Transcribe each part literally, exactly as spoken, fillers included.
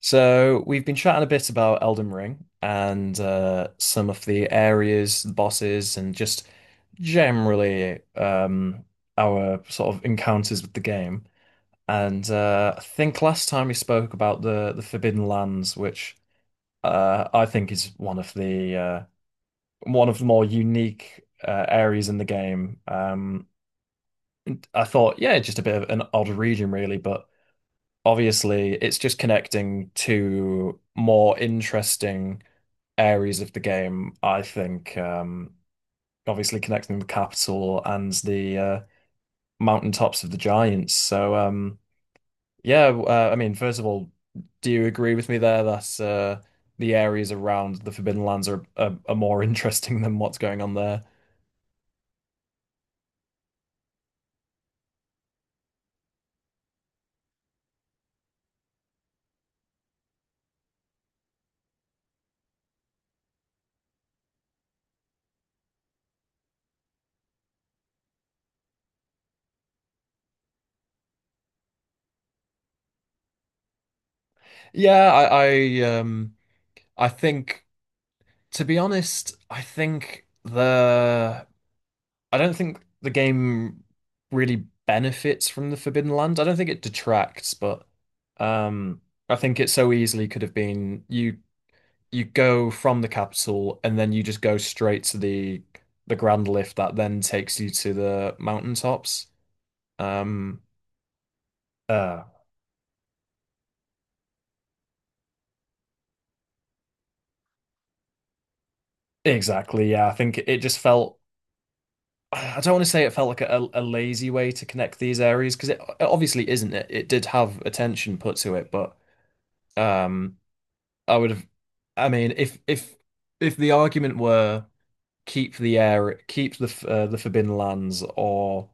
So we've been chatting a bit about Elden Ring and uh, some of the areas, the bosses, and just generally um, our sort of encounters with the game. And uh, I think last time we spoke about the the Forbidden Lands, which uh, I think is one of the uh, one of the more unique uh, areas in the game. Um, I thought, yeah, just a bit of an odd region, really, but obviously it's just connecting to more interesting areas of the game, I think, um, obviously connecting the capital and the uh, mountaintops of the giants. So um, yeah, uh, I mean, first of all, do you agree with me there that uh, the areas around the Forbidden Lands are, are are more interesting than what's going on there? Yeah, I I um I think, to be honest, I think the I don't think the game really benefits from the Forbidden Land. I don't think it detracts, but um, I think it so easily could have been you you go from the capital and then you just go straight to the the Grand Lift that then takes you to the mountaintops. Um, uh, exactly. Yeah, I think it just felt. I don't want to say it felt like a, a lazy way to connect these areas because it, it obviously isn't. It, it did have attention put to it, but. Um, I would have. I mean, if if if the argument were keep the air, keep the f- uh, the Forbidden Lands, or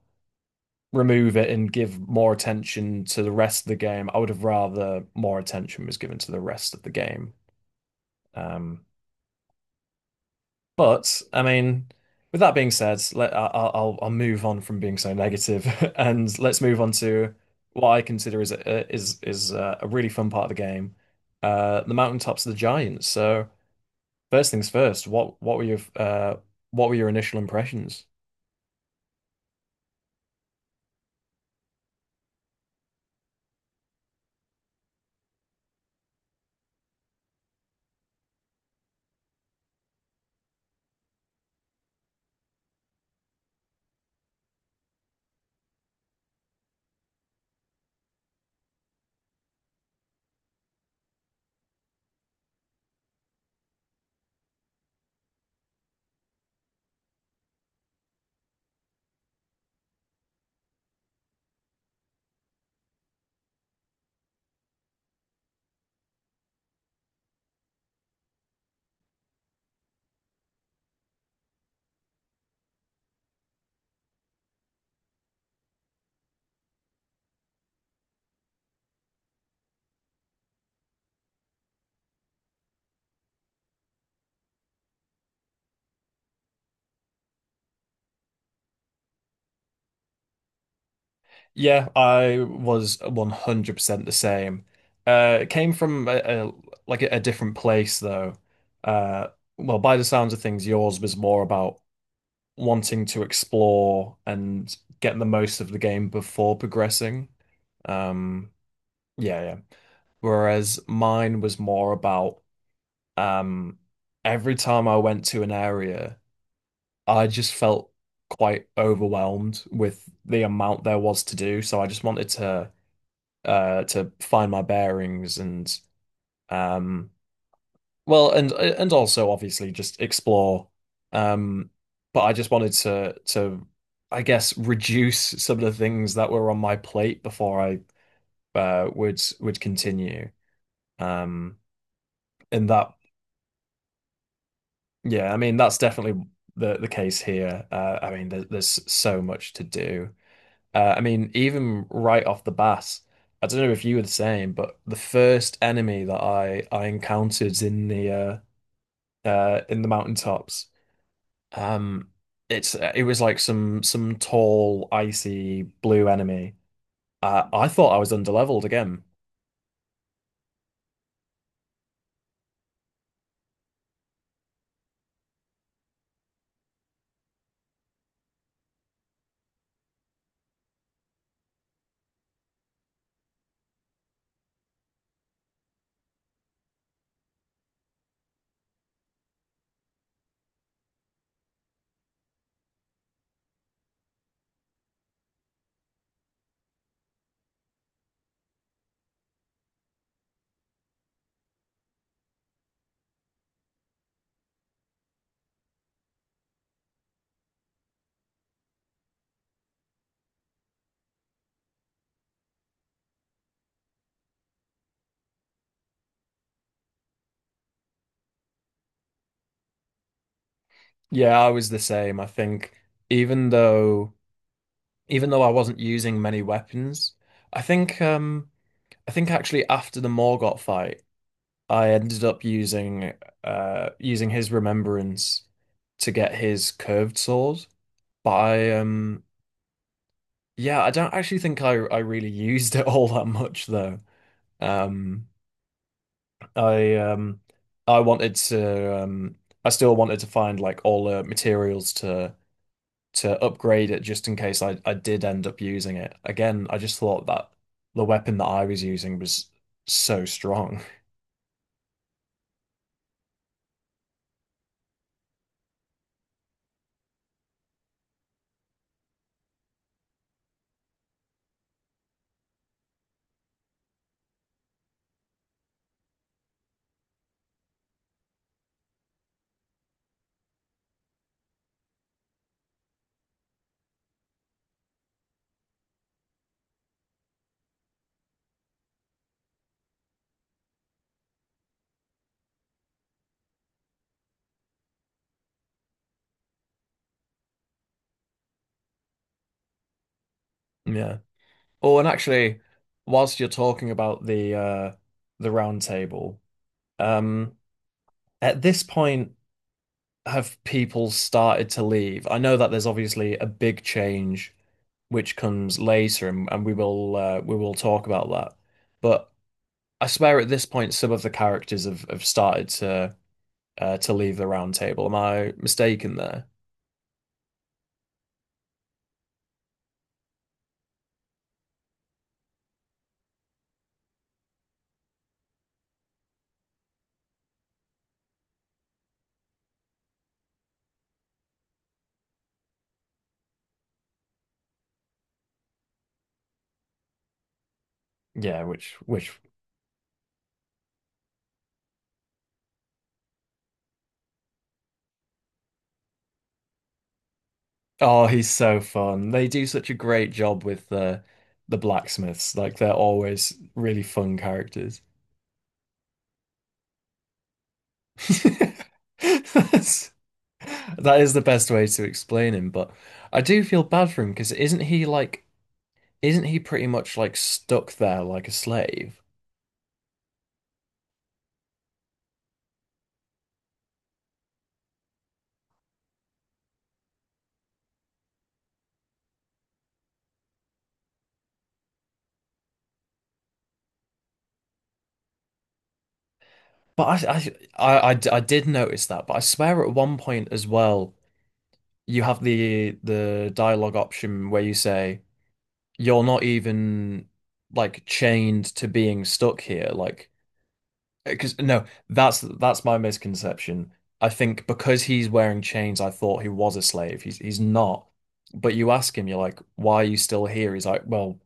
remove it and give more attention to the rest of the game, I would have rather more attention was given to the rest of the game. Um, but I mean, with that being said, let I, I'll I'll I'll move on from being so negative, and let's move on to what I consider is a, is is uh, a really fun part of the game, uh, the Mountaintops of the Giants. So. First things first, what what were your uh what were your initial impressions? Yeah, I was one hundred percent the same. Uh it came from a, a like a, a different place though. Uh well, by the sounds of things, yours was more about wanting to explore and get the most of the game before progressing. Um yeah, yeah. Whereas mine was more about um every time I went to an area I just felt quite overwhelmed with the amount there was to do, so I just wanted to uh to find my bearings and, um well, and and also obviously just explore. Um but I just wanted to to I guess reduce some of the things that were on my plate before I uh would would continue. Um and that Yeah, I mean that's definitely the the case here. Uh I mean there, there's so much to do. Uh, I mean, even right off the bat, I don't know if you were the same, but the first enemy that I I encountered in the uh, uh in the mountaintops, um, it's uh, it was like some some tall, icy blue enemy. Uh, I thought I was underleveled again. Yeah, I was the same. I think, even though even though I wasn't using many weapons, I think um I think actually after the Morgott fight. I ended up using uh using his remembrance to get his curved sword. But I um Yeah, I don't actually think I I really used it all that much though. Um I um I wanted to um I still wanted to find like all the materials to to upgrade it just in case I I did end up using it. Again, I just thought that the weapon that I was using was so strong. Yeah. Oh, and actually, whilst you're talking about the uh the round table, um at this point have people started to leave? I know that there's obviously a big change which comes later, and, and we will uh, we will talk about that. But I swear at this point some of the characters have, have started to uh, to leave the round table. Am I mistaken there? Yeah, which which Oh, he's so fun. They do such a great job with the the blacksmiths. Like they're always really fun characters. That's, that is the best way to explain him, but I do feel bad for him because isn't he like isn't he pretty much like stuck there like a slave? But I, I I I d- I did notice that, but I swear at one point as well, you have the the dialogue option where you say you're not even like chained to being stuck here, like, because no, that's that's my misconception. I think because he's wearing chains I thought he was a slave. He's he's not, but you ask him, you're like, why are you still here? He's like, well,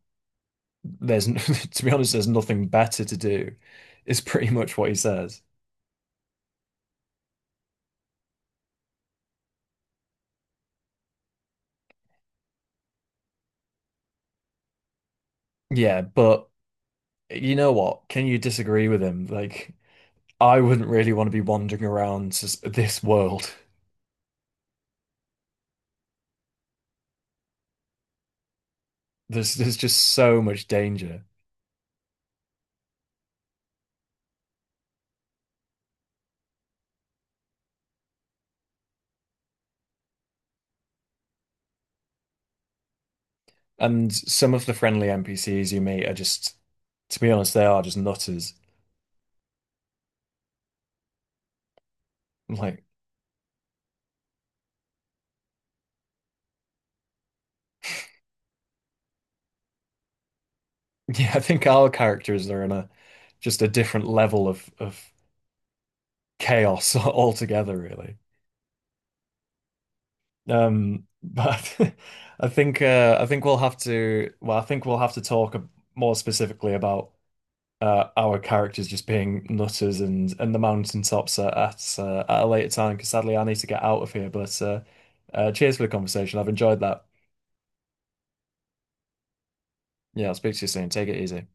there's, to be honest, there's nothing better to do, is pretty much what he says. Yeah, but you know what, can you disagree with him? Like, I wouldn't really want to be wandering around s- this world. There's there's just so much danger. And some of the friendly N P Cs you meet are just, to be honest, they are just nutters. Like, yeah, I think our characters are in a just a different level of of chaos altogether, really. Um, but I think, uh, I think we'll have to well, I think we'll have to talk ab- more specifically about uh, our characters just being nutters and and the mountaintops at at, uh, at a later time. Because sadly, I need to get out of here. But uh, uh, cheers for the conversation. I've enjoyed that. Yeah, I'll speak to you soon. Take it easy.